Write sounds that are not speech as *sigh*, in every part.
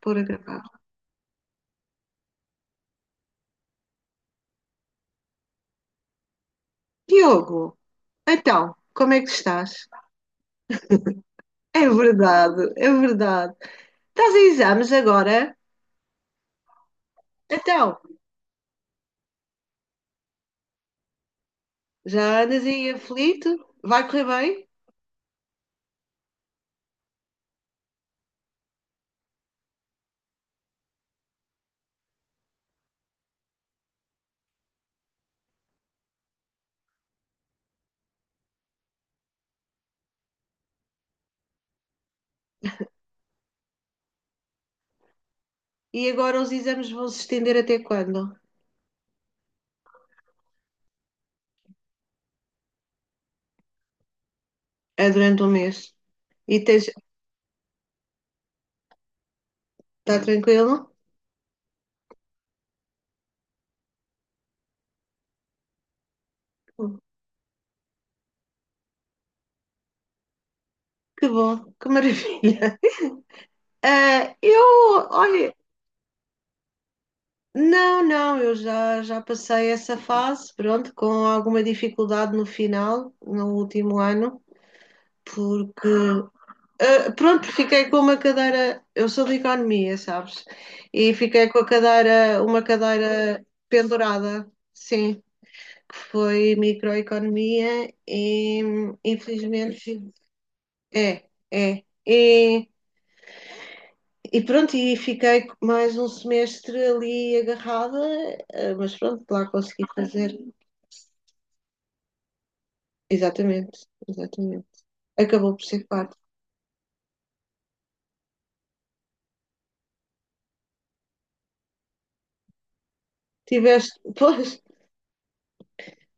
Por a Diogo, então, como é que estás? É verdade, é verdade. Estás em exames agora? Então, já andas aí aflito? Vai correr bem? E agora os exames vão se estender até quando? É durante um mês. E tens... está tranquilo? Que bom, que maravilha. *laughs* Ah, eu, olha, não, não, eu já passei essa fase, pronto, com alguma dificuldade no final, no último ano, porque Ah, pronto, fiquei com uma cadeira. Eu sou de economia, sabes? E fiquei com a cadeira, uma cadeira pendurada, sim, que foi microeconomia e infelizmente é, é. E fiquei mais um semestre ali agarrada, mas pronto, lá consegui fazer. Exatamente, exatamente. Acabou por ser parte. Tiveste, *laughs* pois,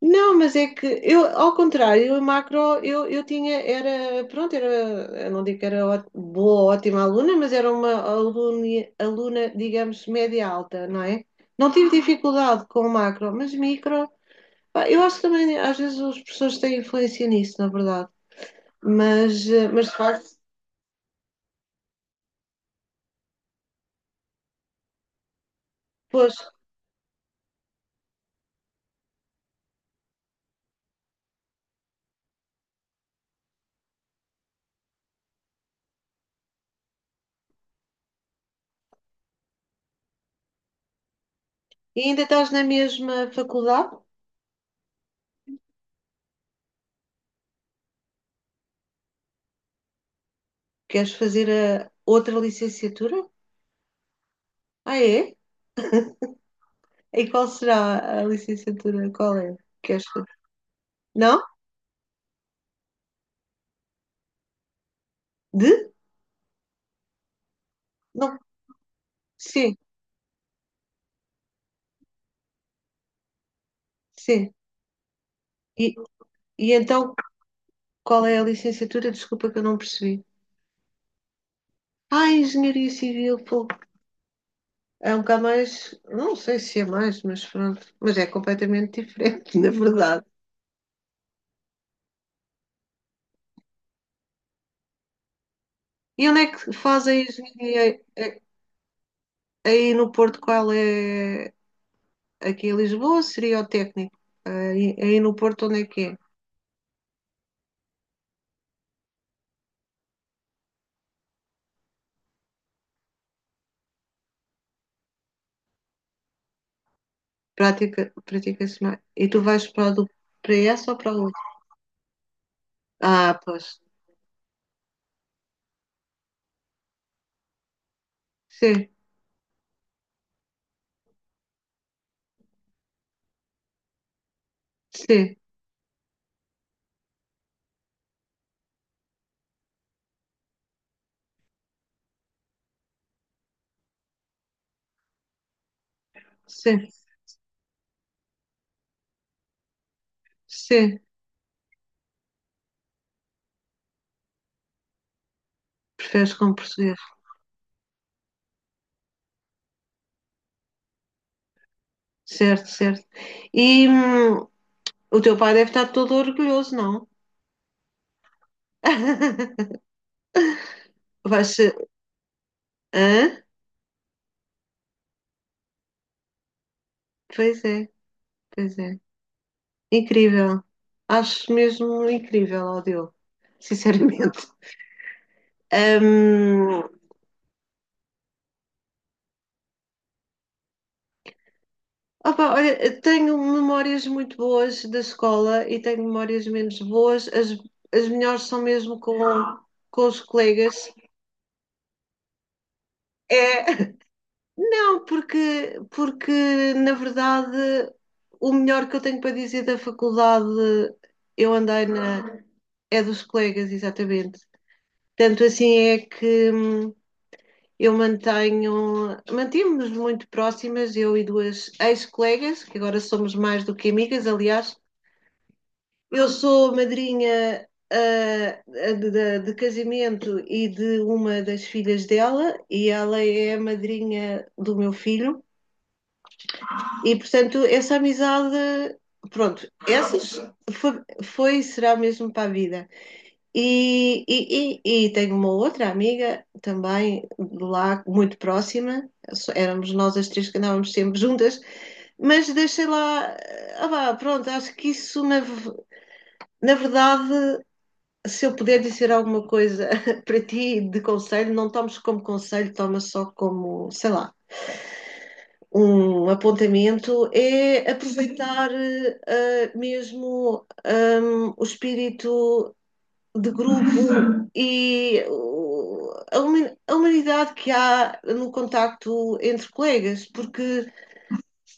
Não, mas é que eu, ao contrário, a macro eu tinha, era, pronto, era, eu não digo que era boa, ótima aluna, mas era uma aluna, aluna, digamos, média alta, não é? Não tive dificuldade com o macro, mas micro, pá, eu acho que também, às vezes os professores têm influência nisso, na verdade, mas, mas de facto, pois, e ainda estás na mesma faculdade? Queres fazer a outra licenciatura? Ah, é? E qual será a licenciatura? Qual é? Queres fazer? Não? De? Não, sim, sim. E, e então, qual é a licenciatura? Desculpa que eu não percebi. Ah, Engenharia Civil, pô, é um bocado mais, não sei se é mais, mas pronto, mas é completamente diferente, *laughs* na verdade. E onde é que faz a engenharia aí no Porto? Qual é? Aqui em Lisboa seria o técnico. Aí no Porto, onde é que é? Prática, pratica-se mais. E tu vais para, a do, para essa ou para a outra? Ah, pois. Sim, sim, sim, sim. Preferes como português. Certo, certo. E o teu pai deve estar todo orgulhoso, não? *laughs* Vai ser. Hã? Pois é, pois é. Incrível. Acho mesmo incrível, ó Diogo, sinceramente. Hum, opa, olha, tenho memórias muito boas da escola e tenho memórias menos boas. As melhores são mesmo com os colegas. É, Não, porque na verdade o melhor que eu tenho para dizer da faculdade eu andei na é dos colegas, exatamente. Tanto assim é que eu mantenho, mantivemos muito próximas, eu e duas ex-colegas, que agora somos mais do que amigas, aliás. Eu sou madrinha ah, de casamento e de uma das filhas dela, e ela é a madrinha do meu filho. E portanto, essa amizade, pronto, essas foi, foi será mesmo para a vida. E tenho uma outra amiga também de lá, muito próxima, éramos nós as três que andávamos sempre juntas, mas deixei lá, vá, pronto, acho que isso na, na verdade se eu puder dizer alguma coisa *laughs* para ti de conselho, não tomes como conselho, tomas só como, sei lá, um apontamento é aproveitar mesmo o espírito de grupo *laughs* e a a humanidade que há no contacto entre colegas, porque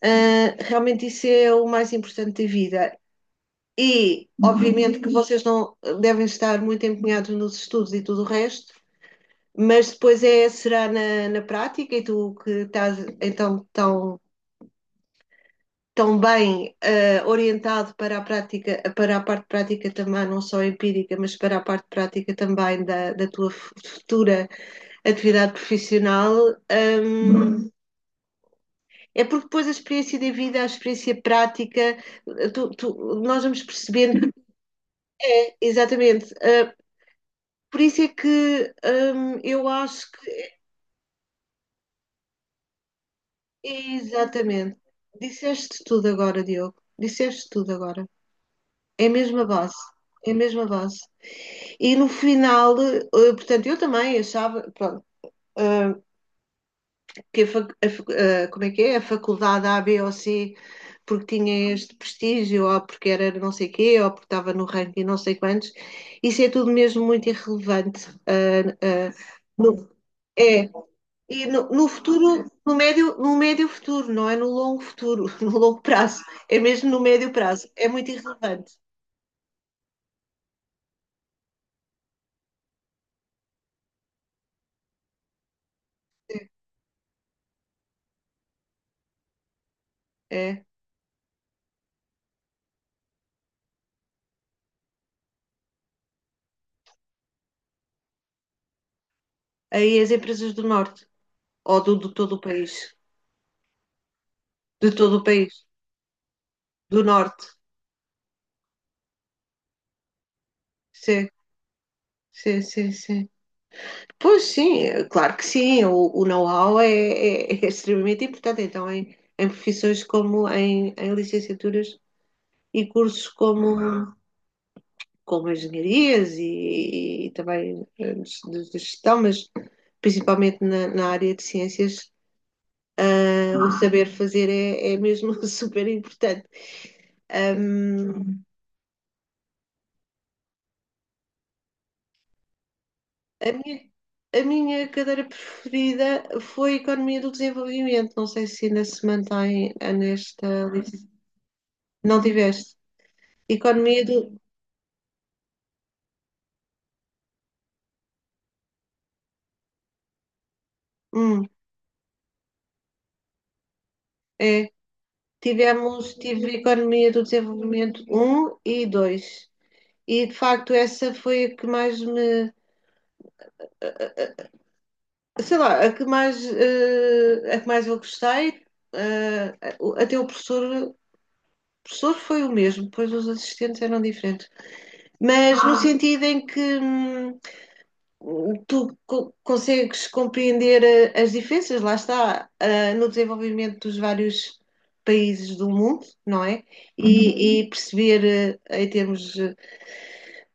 realmente isso é o mais importante da vida. E, obviamente, que vocês não devem estar muito empenhados nos estudos e tudo o resto, mas depois é, será na, na prática, e tu que estás então tão também orientado para a prática, para a parte prática também, não só empírica, mas para a parte prática também da, da tua futura atividade profissional, ehm, é porque depois a experiência de vida, a experiência prática, eh, tu- tu- nós vamos percebendo, é, exatamente. Por isso é que eu acho que, exatamente, disseste tudo agora, Diogo, disseste tudo agora. É a mesma base, é a mesma base. E no final, portanto, eu também achava, pronto, eh, que a, a como é que é? A faculdade A, B ou C, porque tinha este prestígio, ou porque era não sei quê, ou porque estava no ranking não sei quantos, isso é tudo mesmo muito irrelevante. Eh, no- é, e no, no futuro, no médio, no médio futuro, não é no longo futuro, *laughs* no longo prazo, é mesmo no médio prazo, é muito irrelevante. É, é. Aí as empresas do norte, ou do, do todo o país. De todo o país, do norte. Sim, sim, sim, sim. Pois sim, é claro que sim, o know-how é, é extremamente importante, então em, em profissões como em, em licenciaturas e cursos como, como engenharias e também de gestão, mas principalmente na, na área de ciências, o saber fazer é, é mesmo *laughs* super importante. A minha, a minha cadeira preferida foi Economia do Desenvolvimento. Não sei se ainda se mantém nesta lista. Não tiveste. Economia do. Hum, é. Tivemos, tive Economia do Desenvolvimento um e 2 E de facto essa foi a que mais me. Sei lá, a que mais, a que mais eu gostei. Eh, até o professor. O professor foi o mesmo, pois os assistentes eram diferentes. Mas no sentido em que. Consegues compreender as diferenças, lá está, no desenvolvimento dos vários países do mundo, não é? Uhum. E perceber, em termos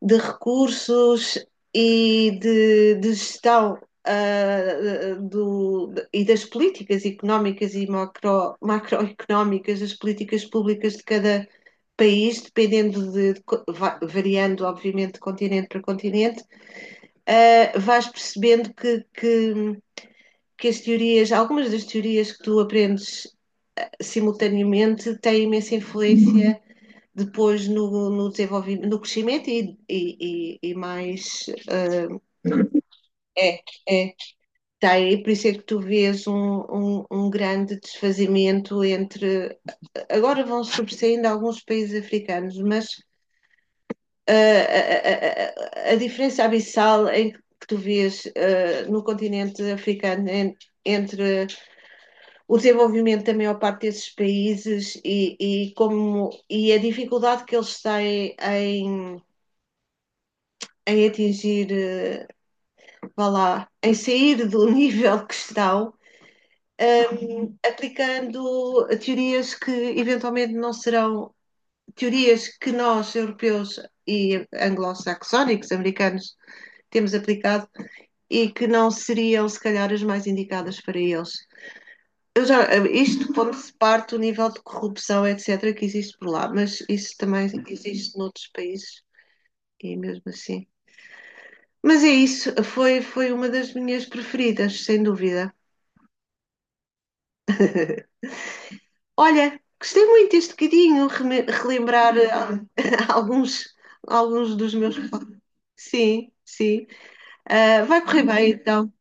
de recursos e de gestão, e das políticas económicas e macro, macroeconómicas, das políticas públicas de cada país, dependendo de, variando, obviamente, de continente para continente vais percebendo que as teorias, algumas das teorias que tu aprendes simultaneamente têm imensa influência depois no, no desenvolvimento, no crescimento e, mais é, é. Tem, por isso é que tu vês um grande desfazimento entre agora vão sobressaindo alguns países africanos, mas a diferença abissal em que tu vês no continente africano entre o desenvolvimento da maior parte desses países e, como, e a dificuldade que eles têm em atingir, vá lá, em sair do *laughs* nível que estão, uh, aplicando teorias que eventualmente não serão teorias que nós, europeus e anglo-saxónicos, americanos, temos aplicado e que não seriam, se calhar, as mais indicadas para eles. Eu já, isto pondo-se parte do nível de corrupção, etc., que existe por lá, mas isso também existe noutros países e mesmo assim. Mas é isso, foi, foi uma das minhas preferidas, sem dúvida. Olha, gostei muito deste bocadinho, relembrar *laughs* alguns, alguns dos meus. Sim, sim. Ah, vai correr bem, então,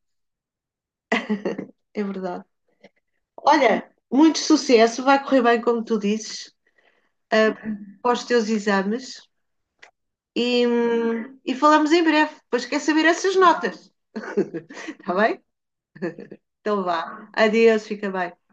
é verdade. Olha, muito sucesso, vai correr bem, como tu dizes. Ah, aos teus exames e, e falamos em breve. Depois quer saber essas notas. *laughs* Está bem? Então vá. Adeus, fica bem.